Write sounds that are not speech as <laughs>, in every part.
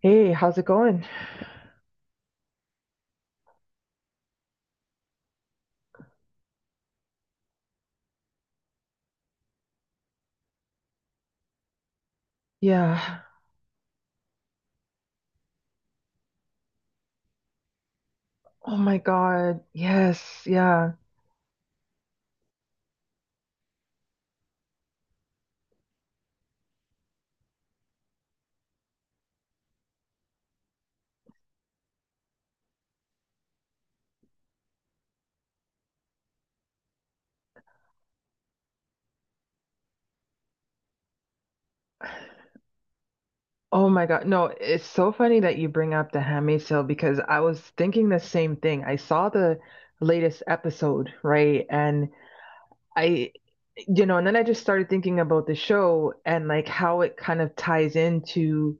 Hey, how's it going? Yeah. Oh my God. Yes. Yeah. Oh my God. No, it's so funny that you bring up The Handmaid's Tale because I was thinking the same thing. I saw the latest episode, right? And I, and then I just started thinking about the show and like how it kind of ties into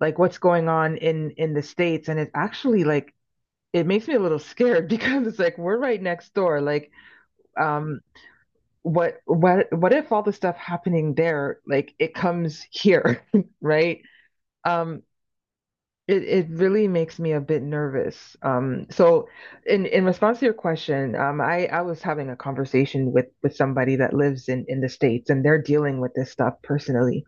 like what's going on in the States. And it actually like it makes me a little scared <laughs> because it's like we're right next door. Like, um, what if all the stuff happening there like it comes here <laughs> right um it really makes me a bit nervous. So in response to your question, I was having a conversation with somebody that lives in the states and they're dealing with this stuff personally.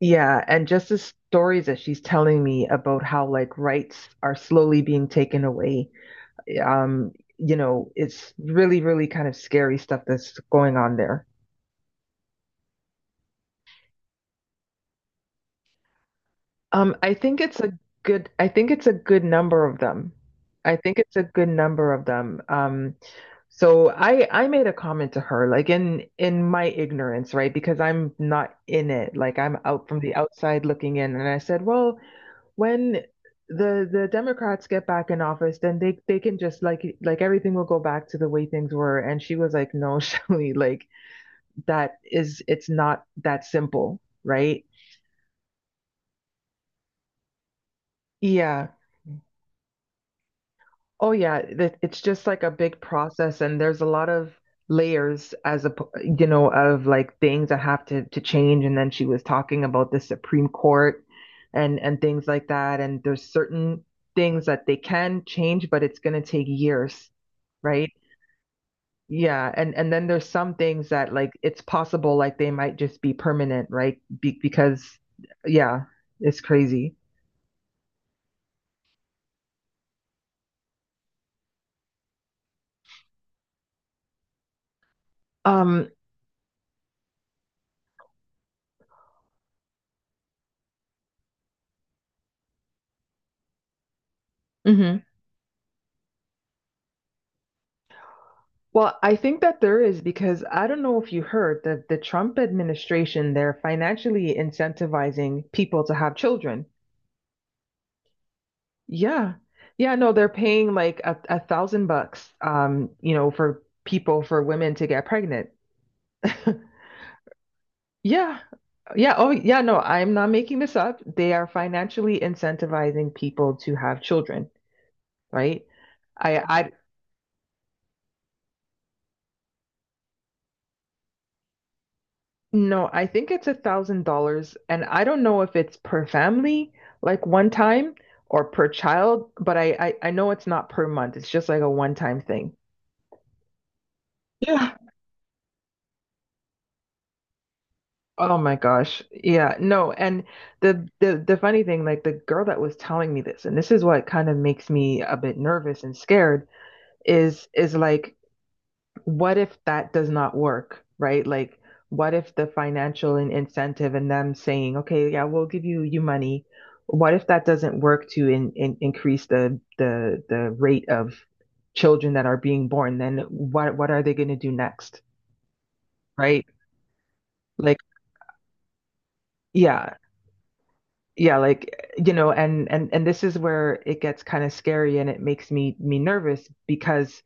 Yeah, and just the stories that she's telling me about how like rights are slowly being taken away um it's really really kind of scary stuff that's going on there. Um, I think it's a I think it's a good number of them. I think it's a good number of them. So I made a comment to her, like in my ignorance, right? Because I'm not in it. Like I'm out from the outside looking in. And I said, well, when the Democrats get back in office, then they can just like everything will go back to the way things were. And she was like, no, <laughs> Shelley, like that is it's not that simple, right? Yeah. Oh yeah, it's just like a big process and there's a lot of layers as a of like things that have to change. And then she was talking about the Supreme Court, and things like that, and there's certain things that they can change, but it's going to take years, right? Yeah, and then there's some things that like it's possible like they might just be permanent, right? Be because yeah, it's crazy. Um mhm. Well, I think that there is because I don't know if you heard that the Trump administration, they're financially incentivizing people to have children. Yeah. Yeah, no, they're paying like a thousand bucks, for people, for women to get pregnant. <laughs> Yeah. Yeah. Oh, yeah. No, I'm not making this up. They are financially incentivizing people to have children, right? I, No, I think it's $1,000, and I don't know if it's per family, like one time, or per child, but I know it's not per month. It's just like a one-time thing. Yeah. Oh my gosh. Yeah, no, and the funny thing, like the girl that was telling me this, and this is what kind of makes me a bit nervous and scared, is like what if that does not work, right? Like, what if the financial and incentive and them saying, okay, yeah, we'll give you money. What if that doesn't work to increase the rate of children that are being born? Then what are they going to do next, right? Like, yeah, yeah, like and this is where it gets kind of scary and it makes me nervous because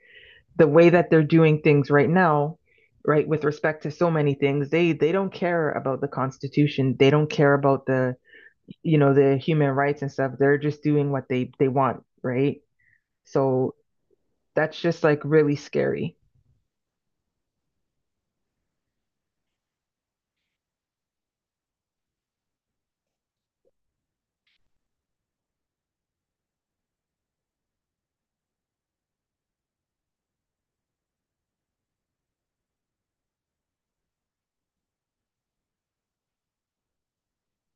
the way that they're doing things right now, right, with respect to so many things, they don't care about the Constitution. They don't care about the you know the human rights and stuff. They're just doing what they want, right? So that's just like really scary.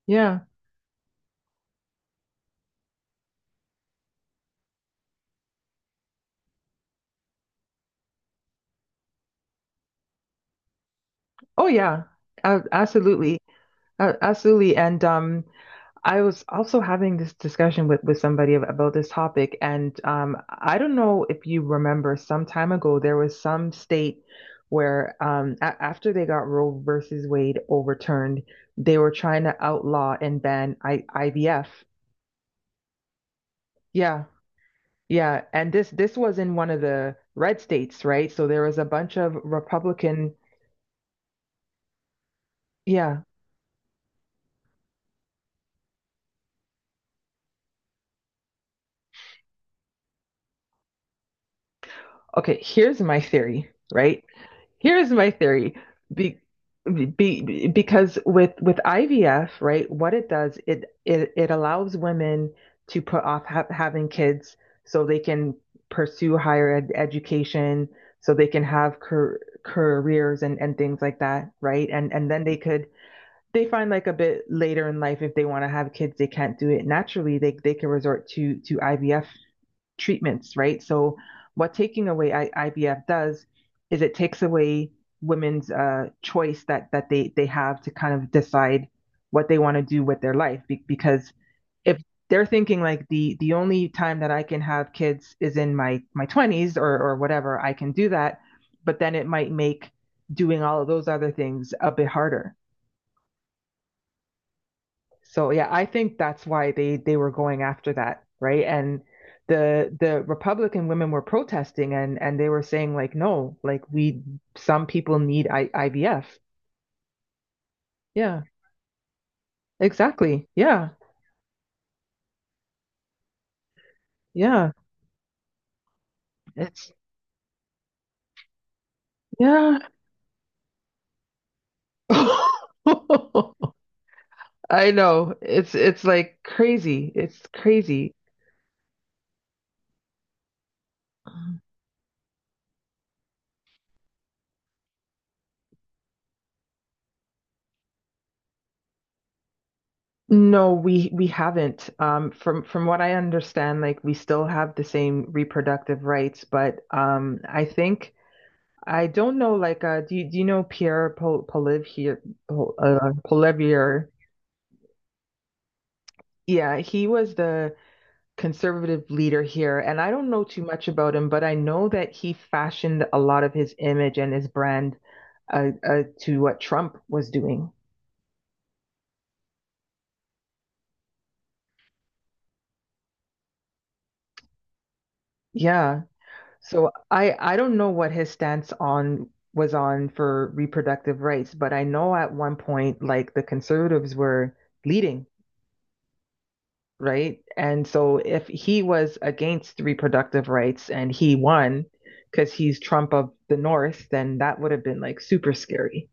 Yeah. Oh yeah. Absolutely. Absolutely. And I was also having this discussion with somebody about this topic, and I don't know if you remember some time ago, there was some state where a after they got Roe versus Wade overturned, they were trying to outlaw and ban I IVF. Yeah, yeah, and this was in one of the red states, right? So there was a bunch of Republican. Yeah. Okay, here's my theory, right? Here's my theory. Be, because with IVF, right, what it does, it allows women to put off ha having kids so they can pursue higher ed education, so they can have careers and things like that, right? And then they find like a bit later in life if they want to have kids, they can't do it naturally. They can resort to IVF treatments, right? So what taking away IVF does is it takes away women's choice that they have to kind of decide what they want to do with their life because if they're thinking like the only time that I can have kids is in my 20s or whatever, I can do that, but then it might make doing all of those other things a bit harder. So yeah, I think that's why they were going after that, right? And the Republican women were protesting and they were saying like, no, like we some people need IVF. Yeah, exactly. Yeah, yeah. It's yeah. <laughs> I know. It's like crazy. It's crazy. No, we haven't. From what I understand, like we still have the same reproductive rights, but I don't know, like, do you know Pierre Polivier, Poilievre? Yeah, he was the conservative leader here, and I don't know too much about him, but I know that he fashioned a lot of his image and his brand to what Trump was doing. Yeah, so I don't know what his stance on was on for reproductive rights, but I know at one point, like, the conservatives were leading, right? And so if he was against reproductive rights and he won because he's Trump of the North, then that would have been like super scary.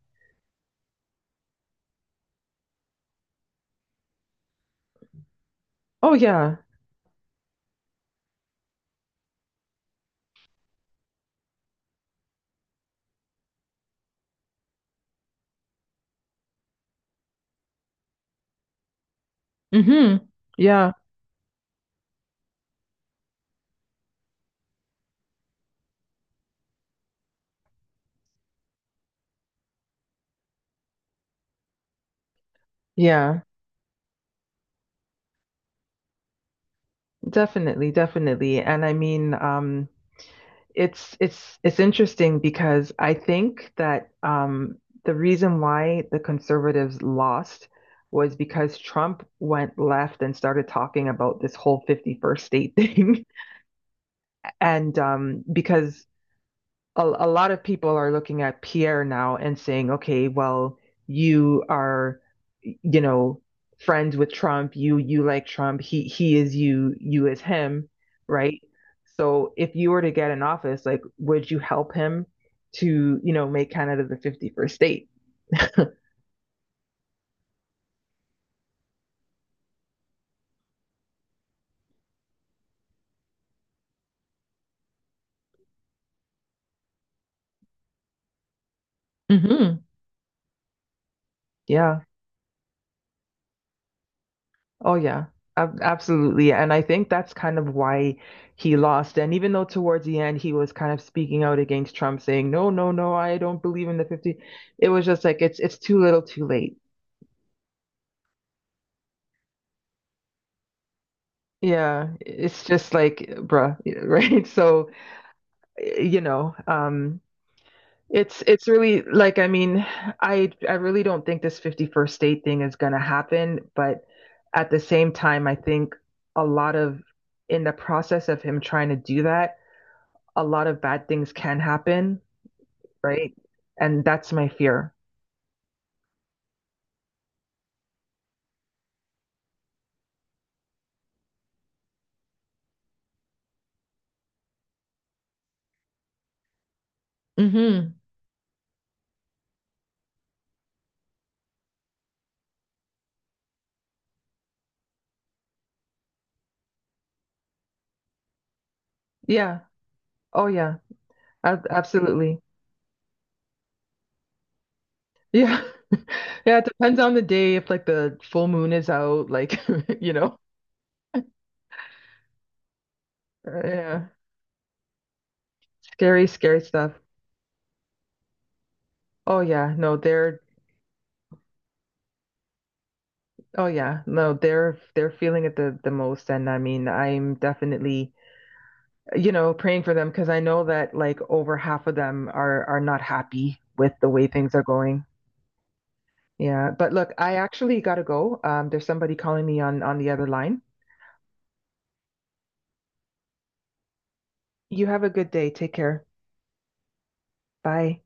Oh yeah. Hmm. Yeah. Yeah. Definitely, definitely. And I mean, it's interesting because I think that the reason why the conservatives lost was because Trump went left and started talking about this whole 51st state thing. <laughs> And because a lot of people are looking at Pierre now and saying, okay, well, you are, you know, friends with Trump. You like Trump. He is you. You is him, right? So if you were to get in office, like, would you help him to, make Canada the 51st state? <laughs> Hmm. Yeah. Oh yeah, ab absolutely. Yeah, and I think that's kind of why he lost. And even though towards the end he was kind of speaking out against Trump, saying, "No, no, no, I don't believe in the 50," it was just like it's too little, too late. Yeah, it's just like, bruh, <laughs> right? So, you know, um, it's really like I mean, I really don't think this 51st state thing is gonna happen, but at the same time, I think a lot of in the process of him trying to do that a lot of bad things can happen, right? And that's my fear. Mm-hmm. Yeah. Oh, yeah. Ab Absolutely. Yeah. <laughs> Yeah. It depends on the day if like the full moon is out, like, <laughs> you know. Yeah. Scary, scary stuff. Oh, yeah. No, they're. Oh, yeah. No, they're feeling it the most. And I mean, I'm definitely, praying for them because I know that like over half of them are not happy with the way things are going. Yeah, but look, I actually gotta go. There's somebody calling me on the other line. You have a good day. Take care. Bye.